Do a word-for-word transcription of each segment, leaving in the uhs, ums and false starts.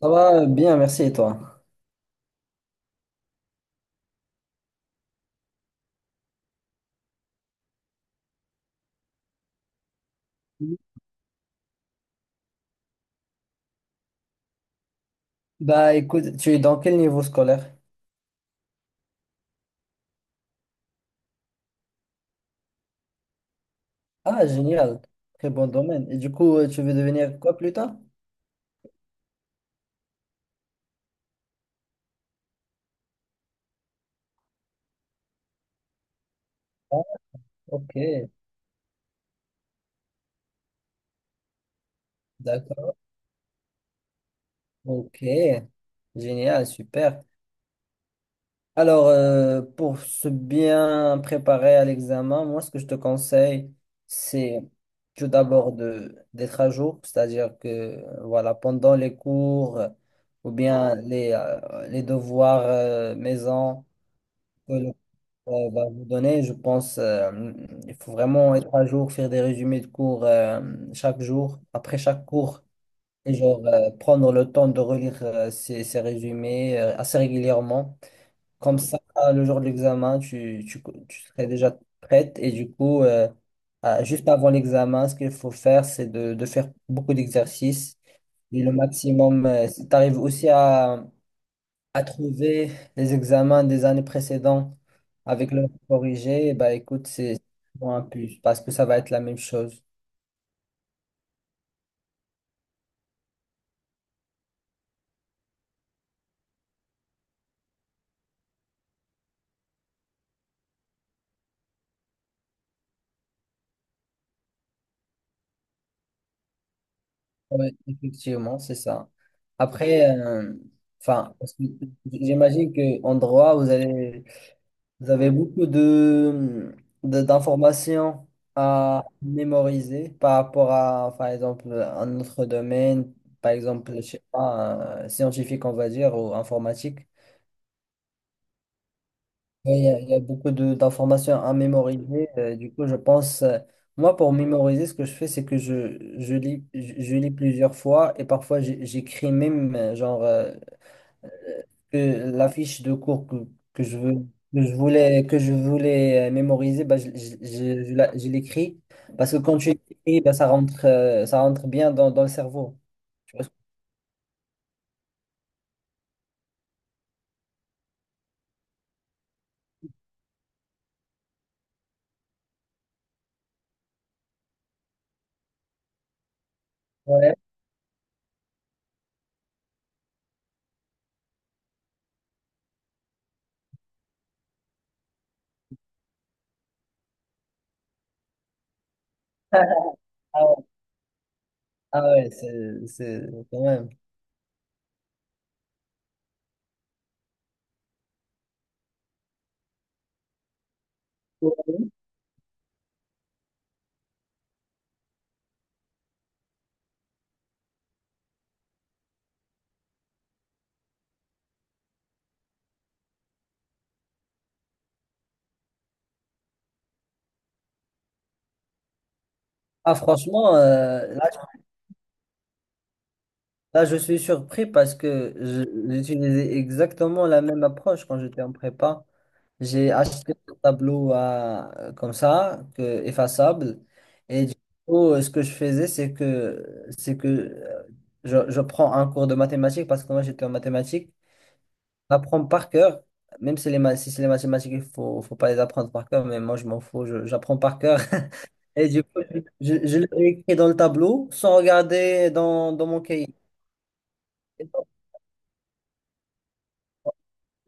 Ça va bien, merci et toi? Oui. Bah écoute, tu es dans quel niveau scolaire? Ah, génial, très bon domaine. Et du coup, euh, tu veux devenir quoi plus tard? Ah, ok, d'accord, ok, génial, super. Alors, euh, pour se bien préparer à l'examen, moi, ce que je te conseille, c'est tout d'abord de d'être à jour, c'est-à-dire que, euh, voilà, pendant les cours euh, ou bien les, euh, les devoirs euh, maison, euh, va vous donner. Je pense euh, il faut vraiment être à jour, faire des résumés de cours euh, chaque jour, après chaque cours, et genre euh, prendre le temps de relire euh, ces, ces résumés euh, assez régulièrement. Comme ça, le jour de l'examen, tu, tu, tu serais déjà prête. Et du coup, euh, euh, juste avant l'examen, ce qu'il faut faire, c'est de, de faire beaucoup d'exercices. Et le maximum, euh, si tu arrives aussi à, à trouver les examens des années précédentes avec leurs corrigés, bah écoute, c'est vraiment un plus parce que ça va être la même chose. Oui, effectivement, c'est ça. Après, euh, enfin, parce que j'imagine qu'en droit, vous allez, vous avez beaucoup de, de- d'informations à mémoriser par rapport à, par exemple, un autre domaine, par exemple, je sais pas, euh, scientifique, on va dire, ou informatique. Oui, Il y a, il y a beaucoup de- d'informations à mémoriser. Euh, du coup, je pense, euh, moi, pour mémoriser, ce que je fais, c'est que je, je lis, je, je lis plusieurs fois et parfois j'ai- j'écris même, euh, genre, euh, euh, que la fiche de cours que, que je veux, que je voulais, que je voulais euh, mémoriser, bah, je, je, je- je la- je l'écris. Parce que quand tu écris, bah, ça rentre, euh, ça rentre bien dans, dans le cerveau. Tu vois ce que- Ouais. Ah ouais, ah ouais, c'est c'est quand même. Ah, franchement, euh, là, Là, je suis surpris parce que je- j'utilisais exactement la même approche quand j'étais en prépa. J'ai acheté un tableau à, comme ça, que, effaçable. Et du coup, euh, ce que je faisais, c'est que, c'est que euh, je, je prends un cours de mathématiques parce que moi, j'étais en mathématiques. J'apprends par cœur, même si, les, ma- si c'est les mathématiques, il faut, faut pas les apprendre par cœur, mais moi, je m'en fous, je- j'apprends par cœur. Et du coup, je, je l'ai écrit dans le tableau sans regarder dans, dans mon cahier.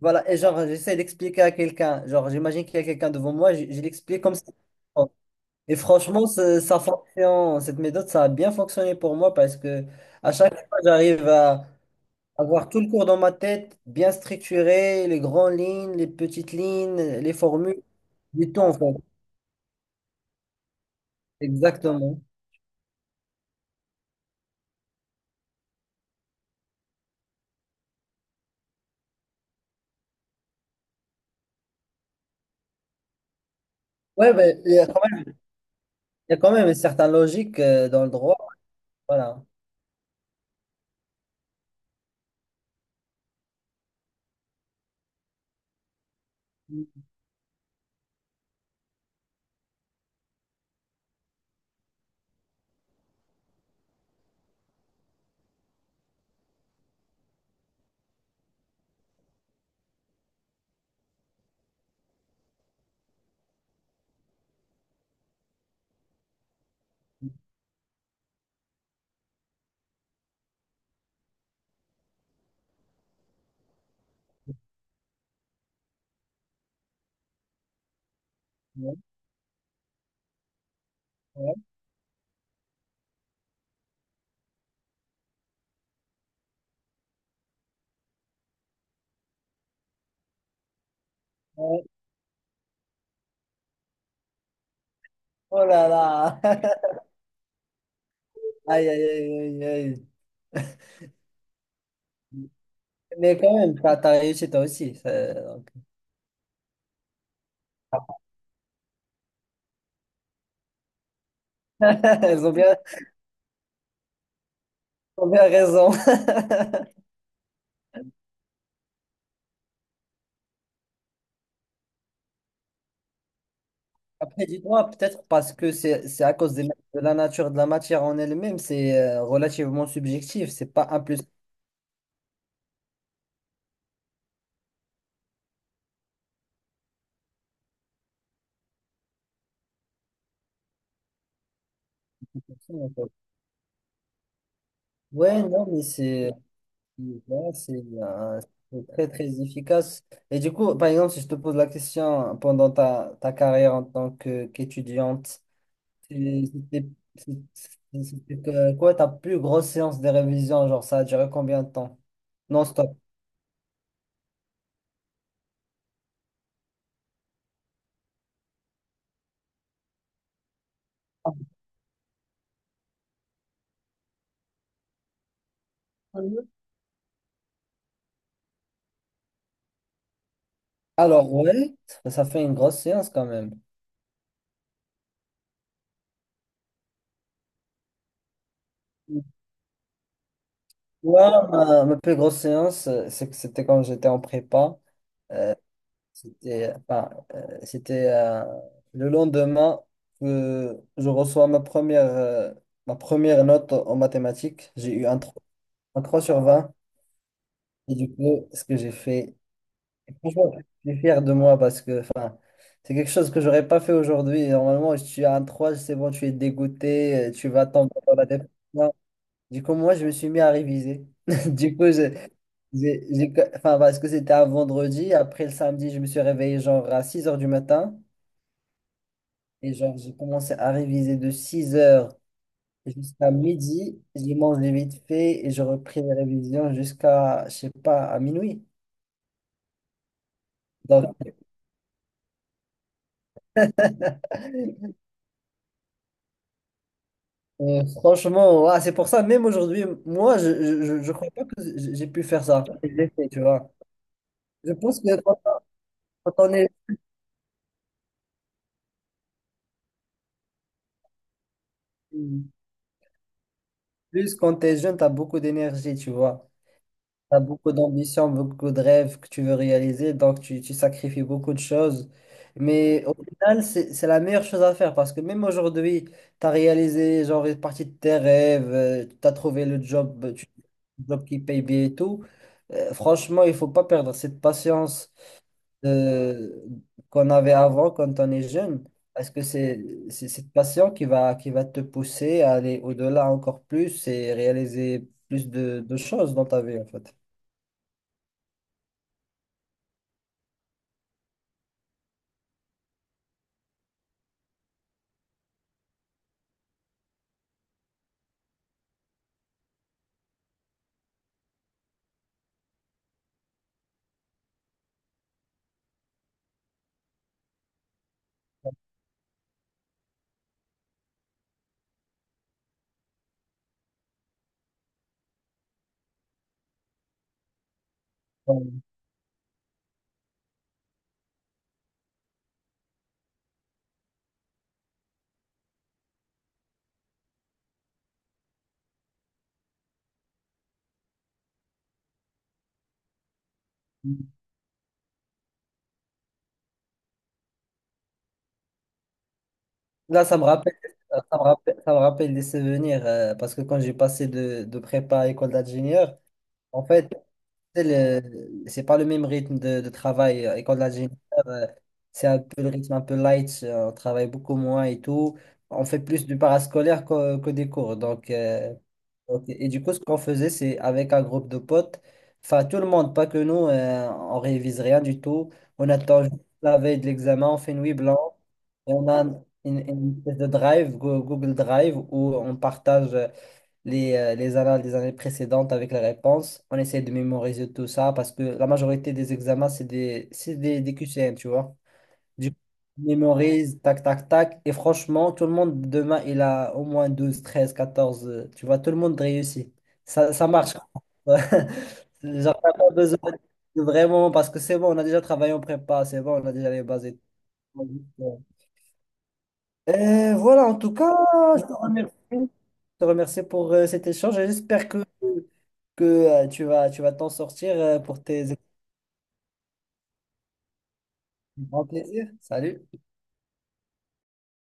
Voilà, et genre, j'essaie d'expliquer à quelqu'un. Genre, j'imagine qu'il y a quelqu'un devant moi, je, je l'explique comme ça. Et franchement, ça, ça fonctionne. Cette méthode, ça a bien fonctionné pour moi parce que à chaque fois, j'arrive à avoir tout le cours dans ma tête, bien structuré, les grandes lignes, les petites lignes, les formules, du tout en fait. Exactement. Ouais, mais il y a quand même, il y a quand même une certaine logique euh, dans le droit. Voilà. Ouais, ouais, ouais. Oh là là. Aïe, aïe, aïe, aïe, aïe. Mais quand même, t'as, t'as réussi toi aussi. Ça- donc. Elles ont bien, Elles ont bien raison. Après, dis-moi, peut-être parce que c'est c'est à cause des- de la nature de la matière en elle-même, c'est euh, relativement subjectif. C'est pas un plus. Un plus, en fait. Ouais, non, mais c'est, ouais, c'est euh, c'est très, très efficace. Et du coup, par exemple, si je te pose la question pendant ta, ta carrière en tant que- qu'étudiante, Et C'était c'est- c'était que- quoi ta plus grosse séance de révision? Genre, ça a duré combien de temps? Non-stop. Mhm. Alors, ouais, ça fait une grosse séance quand même. Ouais, ma, ma plus grosse séance, euh, c'est que c'était quand j'étais en prépa. C'était Enfin, euh, c'était euh, le lendemain que je reçois ma première, euh, ma première note en mathématiques. J'ai eu un, trois un trois sur vingt. Et du coup, ce que j'ai fait, franchement, je suis fier de moi parce que enfin, c'est quelque chose que j'aurais pas fait aujourd'hui. Normalement, tu as un trois c'est bon, tu es dégoûté, euh, tu vas tomber dans la dépression. Du coup, moi, je me suis mis à réviser. Du coup, je- j'ai, j'ai- enfin, parce que c'était un vendredi, après le samedi, je me suis réveillé genre à six heures du matin et genre j'ai commencé à réviser de six heures jusqu'à midi. J'ai mangé vite fait et je repris les révisions jusqu'à, je sais pas, à minuit. Donc, Euh, franchement, ouais, c'est pour ça, même aujourd'hui, moi, je je, je je crois pas que j- j'ai pu faire ça. J'ai fait, tu vois. Je pense que quand, quand on est plus, quand t'es jeune, t'as beaucoup d'énergie, tu vois. T'as beaucoup d'ambition, beaucoup de rêves que tu veux réaliser, donc tu, tu sacrifies beaucoup de choses. Mais au final, c'est, c'est la meilleure chose à faire parce que même aujourd'hui, t'as réalisé genre une partie de tes rêves, euh, t'as trouvé le job, tu, le job qui paye bien et tout. Euh, franchement, il faut pas perdre cette patience euh, qu'on avait avant quand on est jeune. Parce que c'est c'est cette passion qui va, qui va te pousser à aller au-delà encore plus et réaliser plus de, de choses dans ta vie, en fait. Donc, Là, ça me rappelle, ça me rappelle, ça me rappelle des souvenirs euh, parce que quand j'ai passé de, de prépa à école d'ingénieur, en fait, C'est le- c'est pas le même rythme de, de travail. euh, École d'ingénieur, euh, c'est un peu le rythme un peu light. euh, On travaille beaucoup moins et tout. On fait plus du parascolaire que, que des cours. Donc, euh, donc- et du coup, ce qu'on faisait, c'est avec un groupe de potes, enfin tout le monde, pas que nous, euh, on révise rien du tout. On attend juste la veille de l'examen, on fait nuit blanche. Et on a une, une espèce de drive, Go- Google Drive, où on partage euh, les, euh, les annales des années précédentes avec les réponses. On essaie de mémoriser tout ça parce que la majorité des examens, c'est des, c'est des, des Q C M, tu vois. Du coup, on mémorise, tac, tac, tac. Et franchement, tout le monde, demain, il a au moins douze treize quatorze euh, tu vois, tout le monde réussit. Ça, ça marche. Genre, t'as pas besoin de vraiment, parce que c'est bon, on a déjà travaillé en prépa, c'est bon, on a déjà les bases. Et tout. Euh, voilà, en tout cas, je te remercie, je te remercie pour euh, cet échange et j'espère que que euh, tu vas, tu vas t'en sortir euh, pour tes grands plaisirs. Salut.